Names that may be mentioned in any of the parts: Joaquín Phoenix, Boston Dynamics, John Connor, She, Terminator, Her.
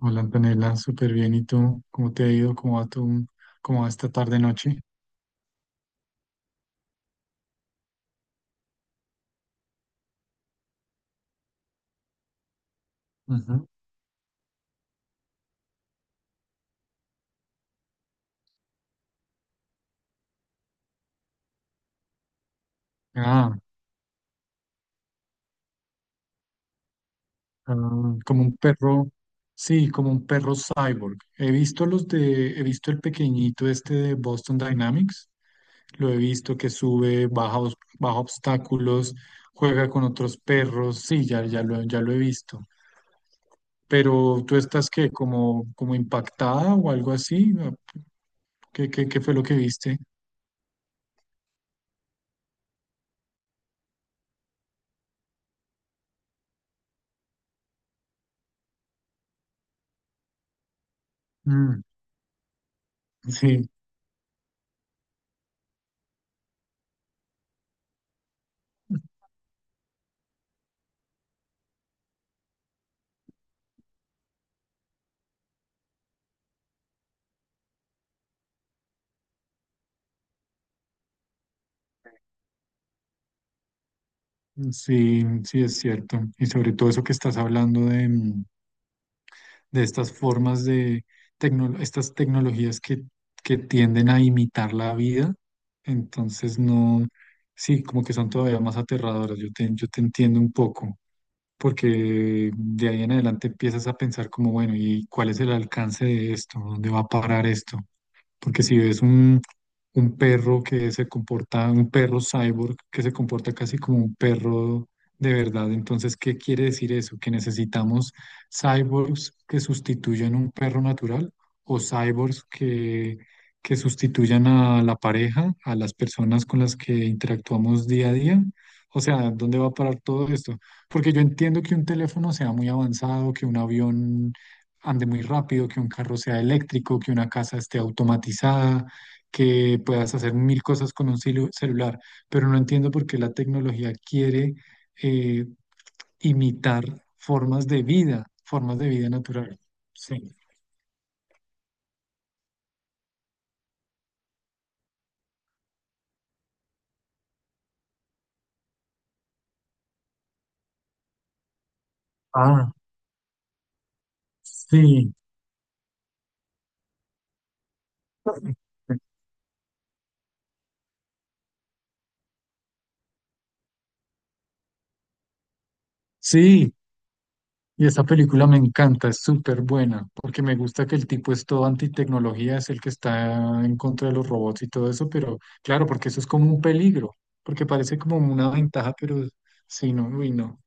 Hola Antonella, súper bien. ¿Y tú? ¿Cómo te ha ido? ¿Cómo va esta tarde noche? Ujú. Ah, Como un perro, sí, como un perro cyborg. He visto he visto el pequeñito este de Boston Dynamics. Lo he visto que sube, baja, baja obstáculos, juega con otros perros. Sí, ya lo he visto. Pero tú estás qué, como, como impactada o algo así. ¿Qué fue lo que viste? Sí, sí es cierto. Y sobre todo eso que estás hablando de, de estas formas de estas tecnologías que tienden a imitar la vida. Entonces no, sí, como que son todavía más aterradoras. Yo te entiendo un poco, porque de ahí en adelante empiezas a pensar como, bueno, ¿y cuál es el alcance de esto? ¿Dónde va a parar esto? Porque si ves un perro que se comporta, un perro cyborg que se comporta casi como un perro de verdad, entonces, ¿qué quiere decir eso? ¿Que necesitamos cyborgs que sustituyan un perro natural o cyborgs que sustituyan a la pareja, a las personas con las que interactuamos día a día? O sea, ¿dónde va a parar todo esto? Porque yo entiendo que un teléfono sea muy avanzado, que un avión ande muy rápido, que un carro sea eléctrico, que una casa esté automatizada, que puedas hacer mil cosas con un celular, pero no entiendo por qué la tecnología quiere eh, imitar formas de vida natural. Sí. Ah, sí. Sí, y esa película me encanta, es súper buena, porque me gusta que el tipo es todo antitecnología, es el que está en contra de los robots y todo eso, pero claro, porque eso es como un peligro, porque parece como una ventaja, pero sí, no, uy, no.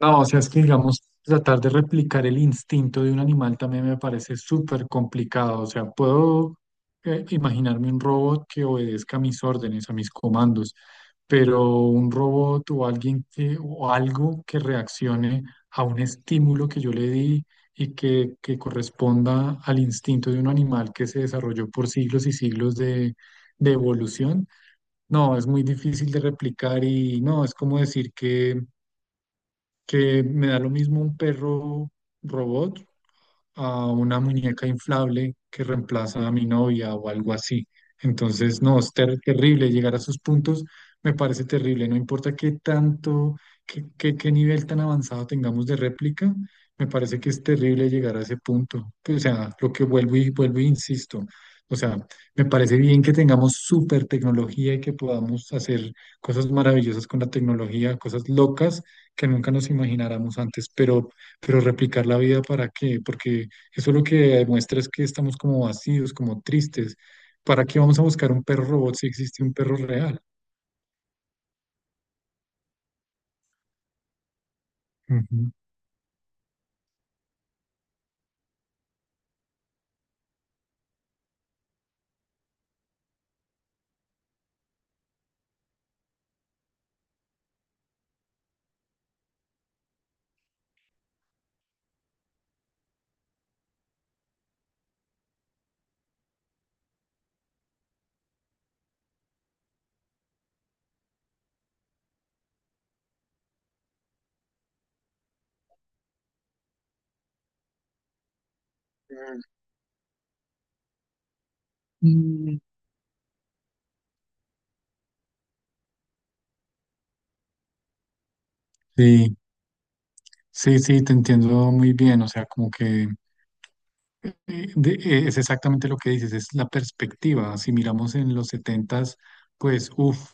No, o sea, es que digamos, tratar de replicar el instinto de un animal también me parece súper complicado. O sea, puedo imaginarme un robot que obedezca a mis órdenes, a mis comandos, pero un robot o alguien o algo que reaccione a un estímulo que yo le di y que corresponda al instinto de un animal que se desarrolló por siglos y siglos de evolución, no, es muy difícil de replicar y no, es como decir que me da lo mismo un perro robot a una muñeca inflable que reemplaza a mi novia o algo así. Entonces, no, es terrible llegar a esos puntos, me parece terrible, no importa qué tanto, qué nivel tan avanzado tengamos de réplica, me parece que es terrible llegar a ese punto. Pues, o sea, lo que vuelvo y vuelvo e insisto. O sea, me parece bien que tengamos super tecnología y que podamos hacer cosas maravillosas con la tecnología, cosas locas que nunca nos imagináramos antes, pero replicar la vida ¿para qué? Porque eso lo que demuestra es que estamos como vacíos, como tristes. ¿Para qué vamos a buscar un perro robot si existe un perro real? Ujú. Mm, Sí, sí, te entiendo muy bien. O sea, como que es exactamente lo que dices, es la perspectiva. Si miramos en los setentas, pues, uff,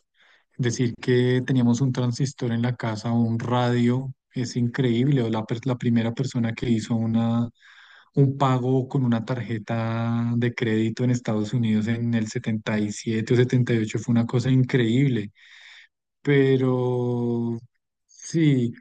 decir que teníamos un transistor en la casa o un radio es increíble. O la primera persona que hizo una un pago con una tarjeta de crédito en Estados Unidos en el 77 o 78 fue una cosa increíble, pero sí,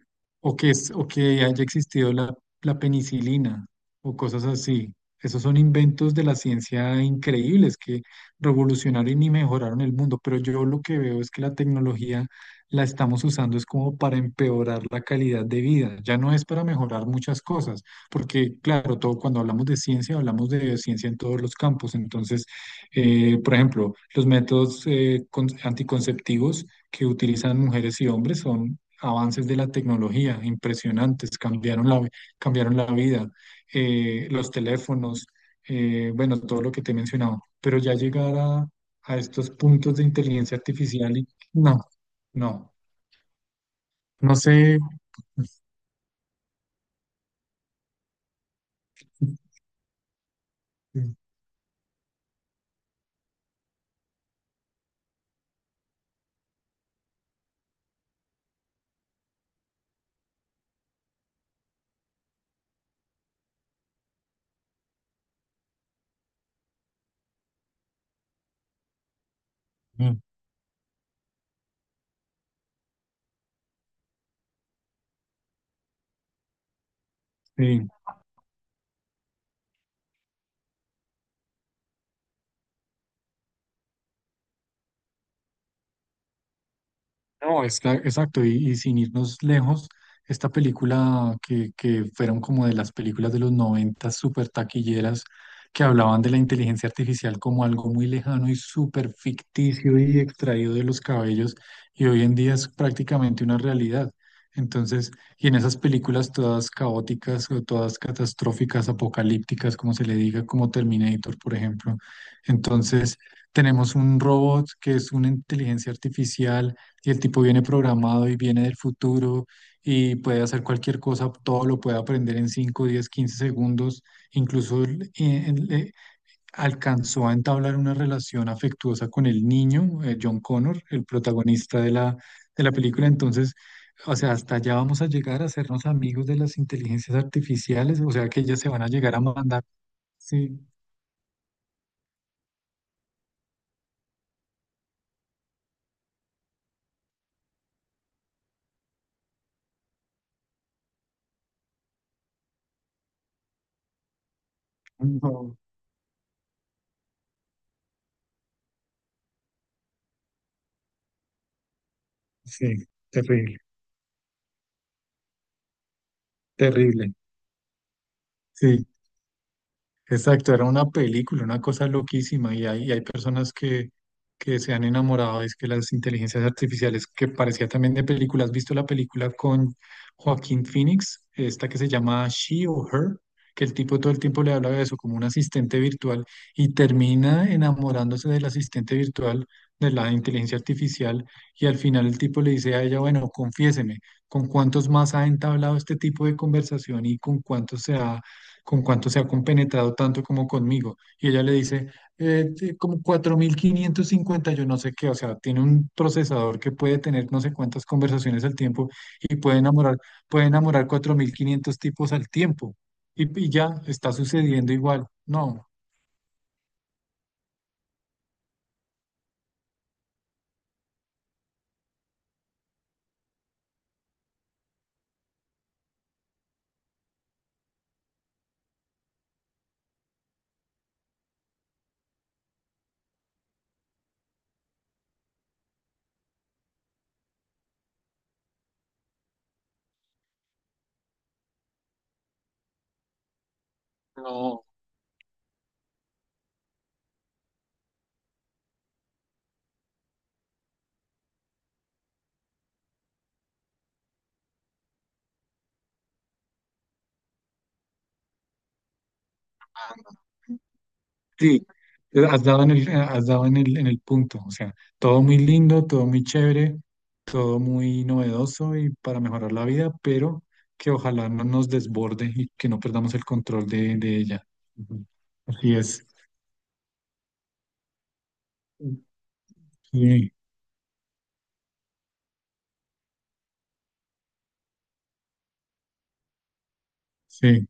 o que haya existido la penicilina o cosas así. Esos son inventos de la ciencia increíbles que revolucionaron y mejoraron el mundo, pero yo lo que veo es que la tecnología la estamos usando es como para empeorar la calidad de vida, ya no es para mejorar muchas cosas, porque claro, todo cuando hablamos de ciencia en todos los campos, entonces, por ejemplo, los métodos anticonceptivos que utilizan mujeres y hombres son avances de la tecnología impresionantes, cambiaron la vida, los teléfonos, bueno, todo lo que te he mencionado, pero ya llegar a estos puntos de inteligencia artificial y no, no, no sé. Sí, no, es que y sin irnos lejos, esta película que fueron como de las películas de los 90 súper taquilleras, que hablaban de la inteligencia artificial como algo muy lejano y súper ficticio y extraído de los cabellos, y hoy en día es prácticamente una realidad. Entonces, y en esas películas todas caóticas o todas catastróficas, apocalípticas, como se le diga, como Terminator, por ejemplo. Entonces, tenemos un robot que es una inteligencia artificial y el tipo viene programado y viene del futuro y puede hacer cualquier cosa, todo lo puede aprender en 5, 10, 15 segundos. Incluso alcanzó a entablar una relación afectuosa con el niño, John Connor, el protagonista de de la película. Entonces, o sea, hasta allá vamos a llegar a hacernos amigos de las inteligencias artificiales, o sea, que ellas se van a llegar a mandar. Sí, no, sí, terrible, terrible. Sí. Exacto, era una película, una cosa loquísima y y hay personas que se han enamorado, es que las inteligencias artificiales, que parecía también de película, ¿has visto la película con Joaquín Phoenix? Esta que se llama She o Her, que el tipo todo el tiempo le habla de eso como un asistente virtual y termina enamorándose del asistente virtual, de la inteligencia artificial y al final el tipo le dice a ella, bueno, confiéseme, ¿con cuántos más ha entablado este tipo de conversación y con cuántos se ha con cuánto se ha compenetrado tanto como conmigo? Y ella le dice, como 4550 yo no sé qué, o sea, tiene un procesador que puede tener no sé cuántas conversaciones al tiempo y puede enamorar 4500 tipos al tiempo. Y ya está sucediendo igual. No. No, sí, has dado en el punto, o sea, todo muy lindo, todo muy chévere, todo muy novedoso y para mejorar la vida, pero que ojalá no nos desborde y que no perdamos el control de ella. Ujú. Así es. Sí, sí.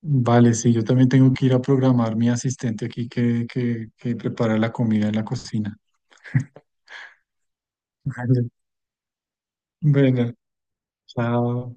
Vale, sí, yo también tengo que ir a programar mi asistente aquí que prepara la comida en la cocina. Vale. Bueno, chao.